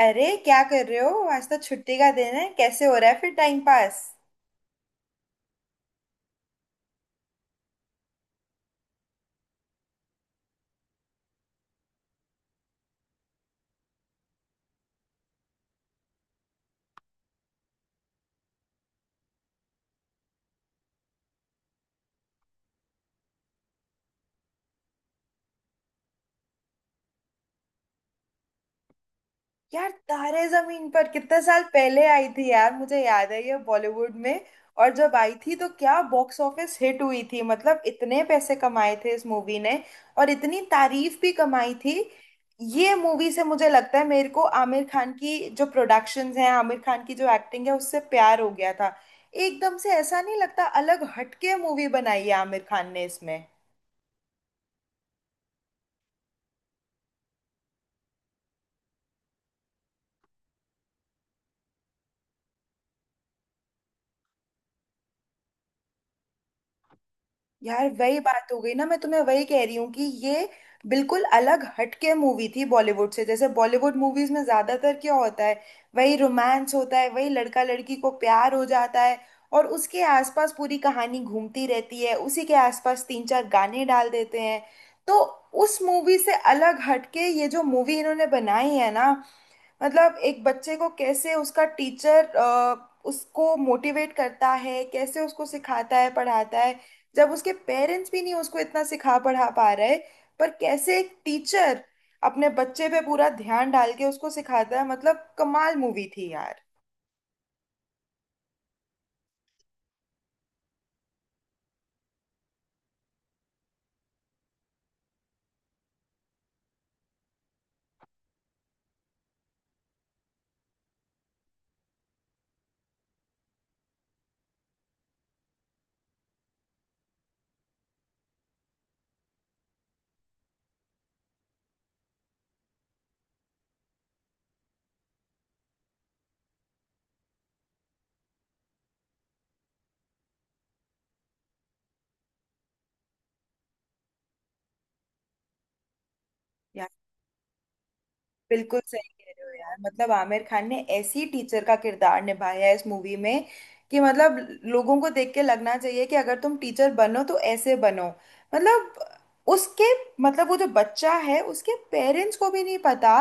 अरे क्या कर रहे हो? आज तो छुट्टी का दिन है। कैसे हो रहा है फिर टाइम पास? यार तारे जमीन पर कितने साल पहले आई थी यार, मुझे याद है ये बॉलीवुड में। और जब आई थी तो क्या बॉक्स ऑफिस हिट हुई थी, मतलब इतने पैसे कमाए थे इस मूवी ने। और इतनी तारीफ भी कमाई थी। ये मूवी से मुझे लगता है मेरे को आमिर खान की जो प्रोडक्शंस हैं, आमिर खान की जो एक्टिंग है, उससे प्यार हो गया था। एकदम से ऐसा नहीं लगता, अलग हटके मूवी बनाई है आमिर खान ने इसमें। यार वही बात हो गई ना, मैं तुम्हें वही कह रही हूँ कि ये बिल्कुल अलग हटके मूवी थी बॉलीवुड से। जैसे बॉलीवुड मूवीज में ज्यादातर क्या होता है, वही रोमांस होता है, वही लड़का लड़की को प्यार हो जाता है और उसके आसपास पूरी कहानी घूमती रहती है, उसी के आसपास तीन चार गाने डाल देते हैं। तो उस मूवी से अलग हटके ये जो मूवी इन्होंने बनाई है ना, मतलब एक बच्चे को कैसे उसका टीचर उसको मोटिवेट करता है, कैसे उसको सिखाता है, पढ़ाता है जब उसके पेरेंट्स भी नहीं उसको इतना सिखा पढ़ा पा रहे। पर कैसे एक टीचर अपने बच्चे पे पूरा ध्यान डाल के उसको सिखाता है, मतलब कमाल मूवी थी यार। बिल्कुल सही कह रहे हो यार, मतलब आमिर खान ने ऐसी टीचर का किरदार निभाया है इस मूवी में कि मतलब लोगों को देख के लगना चाहिए कि अगर तुम टीचर बनो तो ऐसे बनो। मतलब उसके, मतलब वो जो बच्चा है उसके पेरेंट्स को भी नहीं पता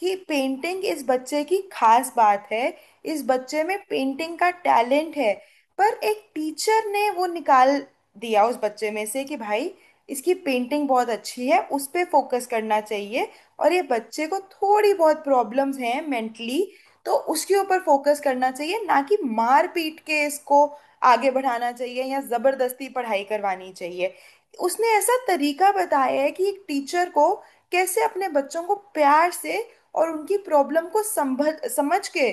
कि पेंटिंग इस बच्चे की खास बात है, इस बच्चे में पेंटिंग का टैलेंट है। पर एक टीचर ने वो निकाल दिया उस बच्चे में से कि भाई, इसकी पेंटिंग बहुत अच्छी है, उस पे फोकस करना चाहिए। और ये बच्चे को थोड़ी बहुत प्रॉब्लम्स हैं मेंटली, तो उसके ऊपर फोकस करना चाहिए, ना कि मार पीट के इसको आगे बढ़ाना चाहिए या जबरदस्ती पढ़ाई करवानी चाहिए। उसने ऐसा तरीका बताया है कि एक टीचर को कैसे अपने बच्चों को प्यार से और उनकी प्रॉब्लम को संभल समझ के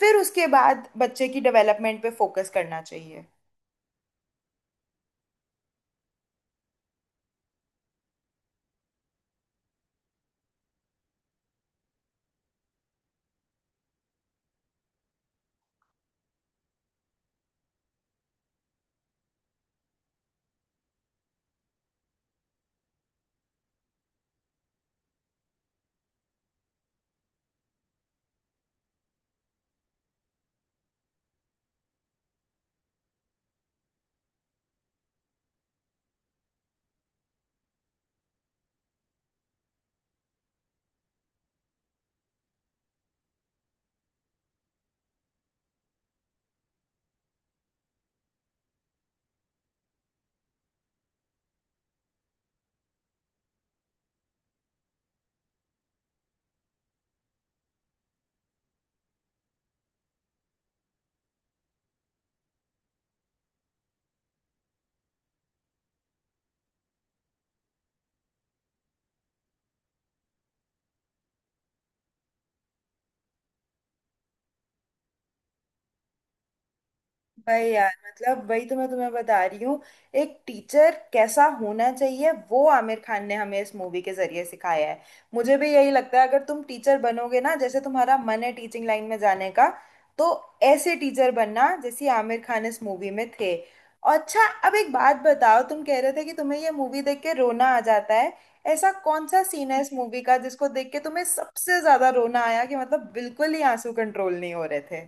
फिर उसके बाद बच्चे की डेवलपमेंट पे फोकस करना चाहिए। भाई यार, मतलब वही तो मैं तुम्हें बता रही हूँ, एक टीचर कैसा होना चाहिए वो आमिर खान ने हमें इस मूवी के जरिए सिखाया है। मुझे भी यही लगता है, अगर तुम टीचर बनोगे ना, जैसे तुम्हारा मन है टीचिंग लाइन में जाने का, तो ऐसे टीचर बनना जैसे आमिर खान इस मूवी में थे। और अच्छा, अब एक बात बताओ, तुम कह रहे थे कि तुम्हें ये मूवी देख के रोना आ जाता है। ऐसा कौन सा सीन है इस मूवी का जिसको देख के तुम्हें सबसे ज्यादा रोना आया, कि मतलब बिल्कुल ही आंसू कंट्रोल नहीं हो रहे थे?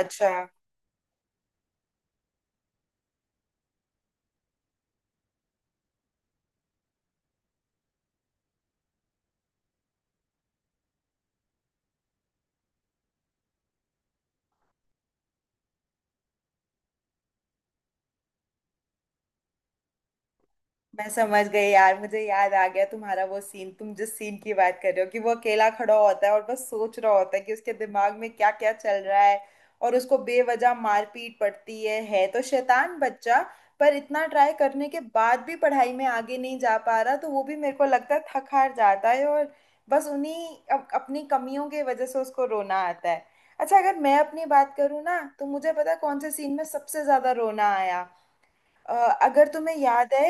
अच्छा, मैं समझ गई यार, मुझे याद आ गया तुम्हारा वो सीन। तुम जिस सीन की बात कर रहे हो कि वो अकेला खड़ा होता है और बस सोच रहा होता है कि उसके दिमाग में क्या क्या चल रहा है, और उसको बेवजह मारपीट पड़ती है तो शैतान बच्चा, पर इतना ट्राई करने के बाद भी पढ़ाई में आगे नहीं जा पा रहा, तो वो भी मेरे को लगता है थक हार जाता है और बस उन्हीं अपनी कमियों की वजह से उसको रोना आता है। अच्छा, अगर मैं अपनी बात करूँ ना, तो मुझे पता है कौन से सीन में सबसे ज्यादा रोना आया। अ, अगर तुम्हें याद है,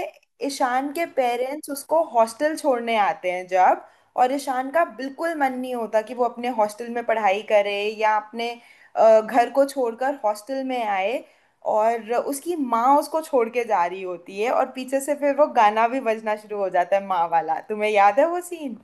ईशान के पेरेंट्स उसको हॉस्टल छोड़ने आते हैं जब, और ईशान का बिल्कुल मन नहीं होता कि वो अपने हॉस्टल में पढ़ाई करे या अपने घर को छोड़कर हॉस्टल में आए, और उसकी माँ उसको छोड़ के जा रही होती है और पीछे से फिर वो गाना भी बजना शुरू हो जाता है माँ वाला, तुम्हें याद है वो सीन?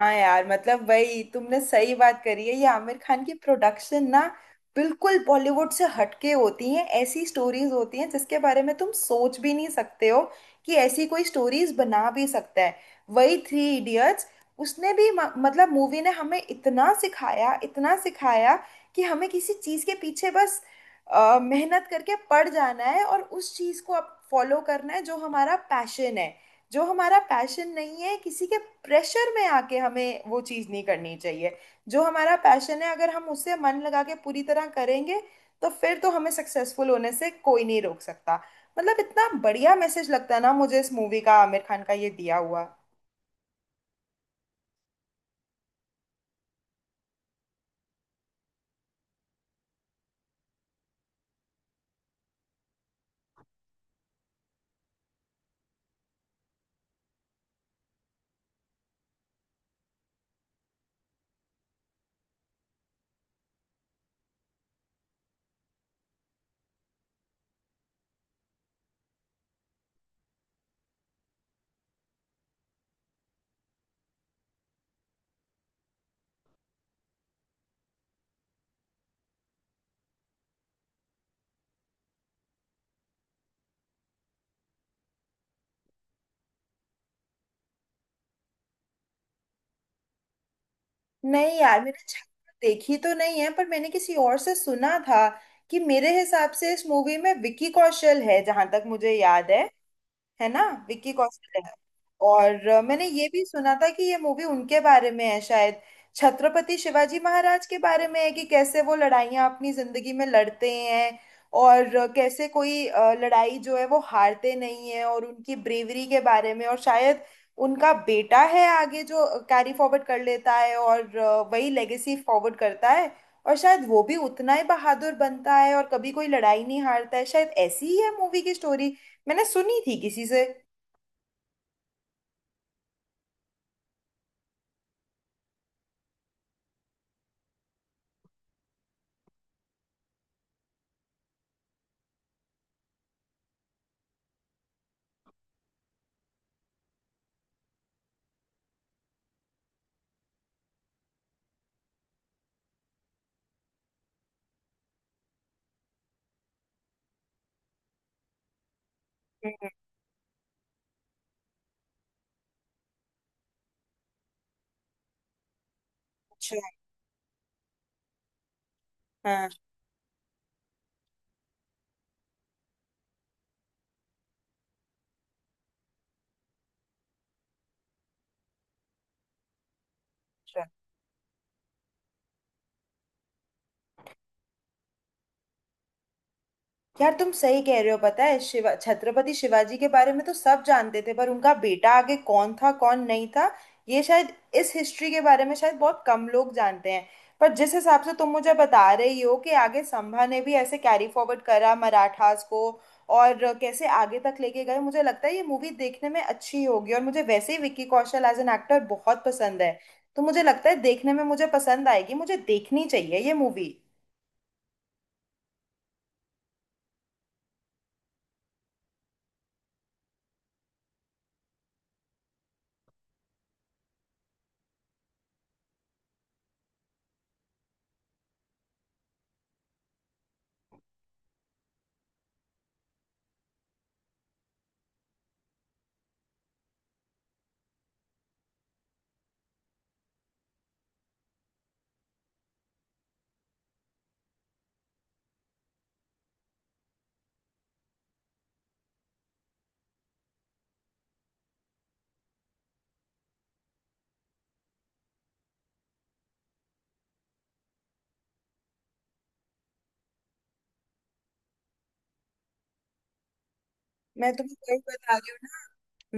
हाँ यार, मतलब वही तुमने सही बात करी है, ये आमिर खान की प्रोडक्शन ना बिल्कुल बॉलीवुड से हटके होती हैं। ऐसी स्टोरीज होती हैं जिसके बारे में तुम सोच भी नहीं सकते हो कि ऐसी कोई स्टोरीज बना भी सकता है। वही थ्री इडियट्स, उसने भी मतलब मूवी ने हमें इतना सिखाया, इतना सिखाया कि हमें किसी चीज के पीछे बस मेहनत करके पड़ जाना है और उस चीज को अब फॉलो करना है जो हमारा पैशन है। जो हमारा पैशन नहीं है, किसी के प्रेशर में आके हमें वो चीज़ नहीं करनी चाहिए। जो हमारा पैशन है, अगर हम उसे मन लगा के पूरी तरह करेंगे तो फिर तो हमें सक्सेसफुल होने से कोई नहीं रोक सकता। मतलब इतना बढ़िया मैसेज लगता है ना मुझे इस मूवी का, आमिर खान का ये दिया हुआ। नहीं यार, मैंने छावा देखी तो नहीं है, पर मैंने किसी और से सुना था कि मेरे हिसाब से इस मूवी में विकी कौशल है, जहां तक मुझे याद है। है ना, विक्की कौशल है। और मैंने ये भी सुना था कि ये मूवी उनके बारे में है, शायद छत्रपति शिवाजी महाराज के बारे में है कि कैसे वो लड़ाइयाँ अपनी जिंदगी में लड़ते हैं, और कैसे कोई लड़ाई जो है वो हारते नहीं है और उनकी ब्रेवरी के बारे में। और शायद उनका बेटा है आगे जो कैरी फॉरवर्ड कर लेता है और वही लेगेसी फॉरवर्ड करता है, और शायद वो भी उतना ही बहादुर बनता है और कभी कोई लड़ाई नहीं हारता है, शायद ऐसी ही है मूवी की स्टोरी, मैंने सुनी थी किसी से। हम्म। अच्छा। हाँ। अच्छा। यार तुम सही कह रहे हो, पता है शिवा छत्रपति शिवाजी के बारे में तो सब जानते थे पर उनका बेटा आगे कौन था कौन नहीं था, ये शायद इस हिस्ट्री के बारे में शायद बहुत कम लोग जानते हैं। पर जिस हिसाब से तुम मुझे बता रही हो कि आगे संभा ने भी ऐसे कैरी फॉरवर्ड करा मराठास को और कैसे आगे तक लेके गए, मुझे लगता है ये मूवी देखने में अच्छी होगी। और मुझे वैसे ही Vicky Kaushal as an actor बहुत पसंद है, तो मुझे लगता है देखने में मुझे पसंद आएगी, मुझे देखनी चाहिए ये मूवी। मैं तुम्हें वही बता रही हूँ,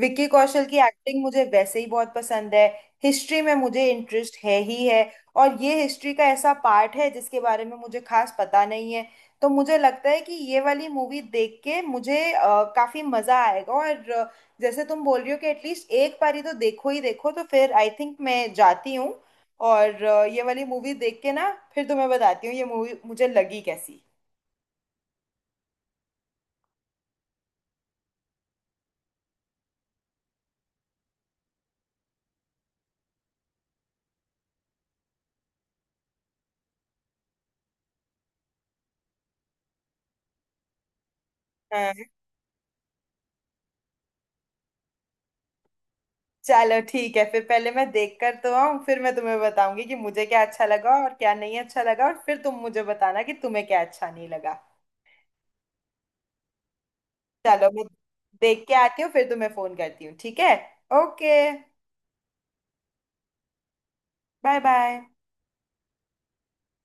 विक्की कौशल की एक्टिंग मुझे वैसे ही बहुत पसंद है। हिस्ट्री में मुझे इंटरेस्ट है ही है, और ये हिस्ट्री का ऐसा पार्ट है जिसके बारे में मुझे खास पता नहीं है। तो मुझे लगता है कि ये वाली मूवी देख के मुझे काफी मजा आएगा। और जैसे तुम बोल रही हो कि एटलीस्ट एक बारी तो देखो ही देखो, तो फिर आई थिंक मैं जाती हूँ। और ये वाली मूवी देख के ना फिर तुम्हें बताती हूँ ये मूवी मुझे लगी कैसी। हाँ। चलो ठीक है फिर, पहले मैं देख कर तो आऊं, फिर मैं तुम्हें बताऊंगी कि मुझे क्या अच्छा लगा और क्या नहीं अच्छा लगा, और फिर तुम मुझे बताना कि तुम्हें क्या अच्छा नहीं लगा। चलो मैं देख के आती हूँ, फिर तुम्हें फोन करती हूँ, ठीक है? ओके। Bye bye.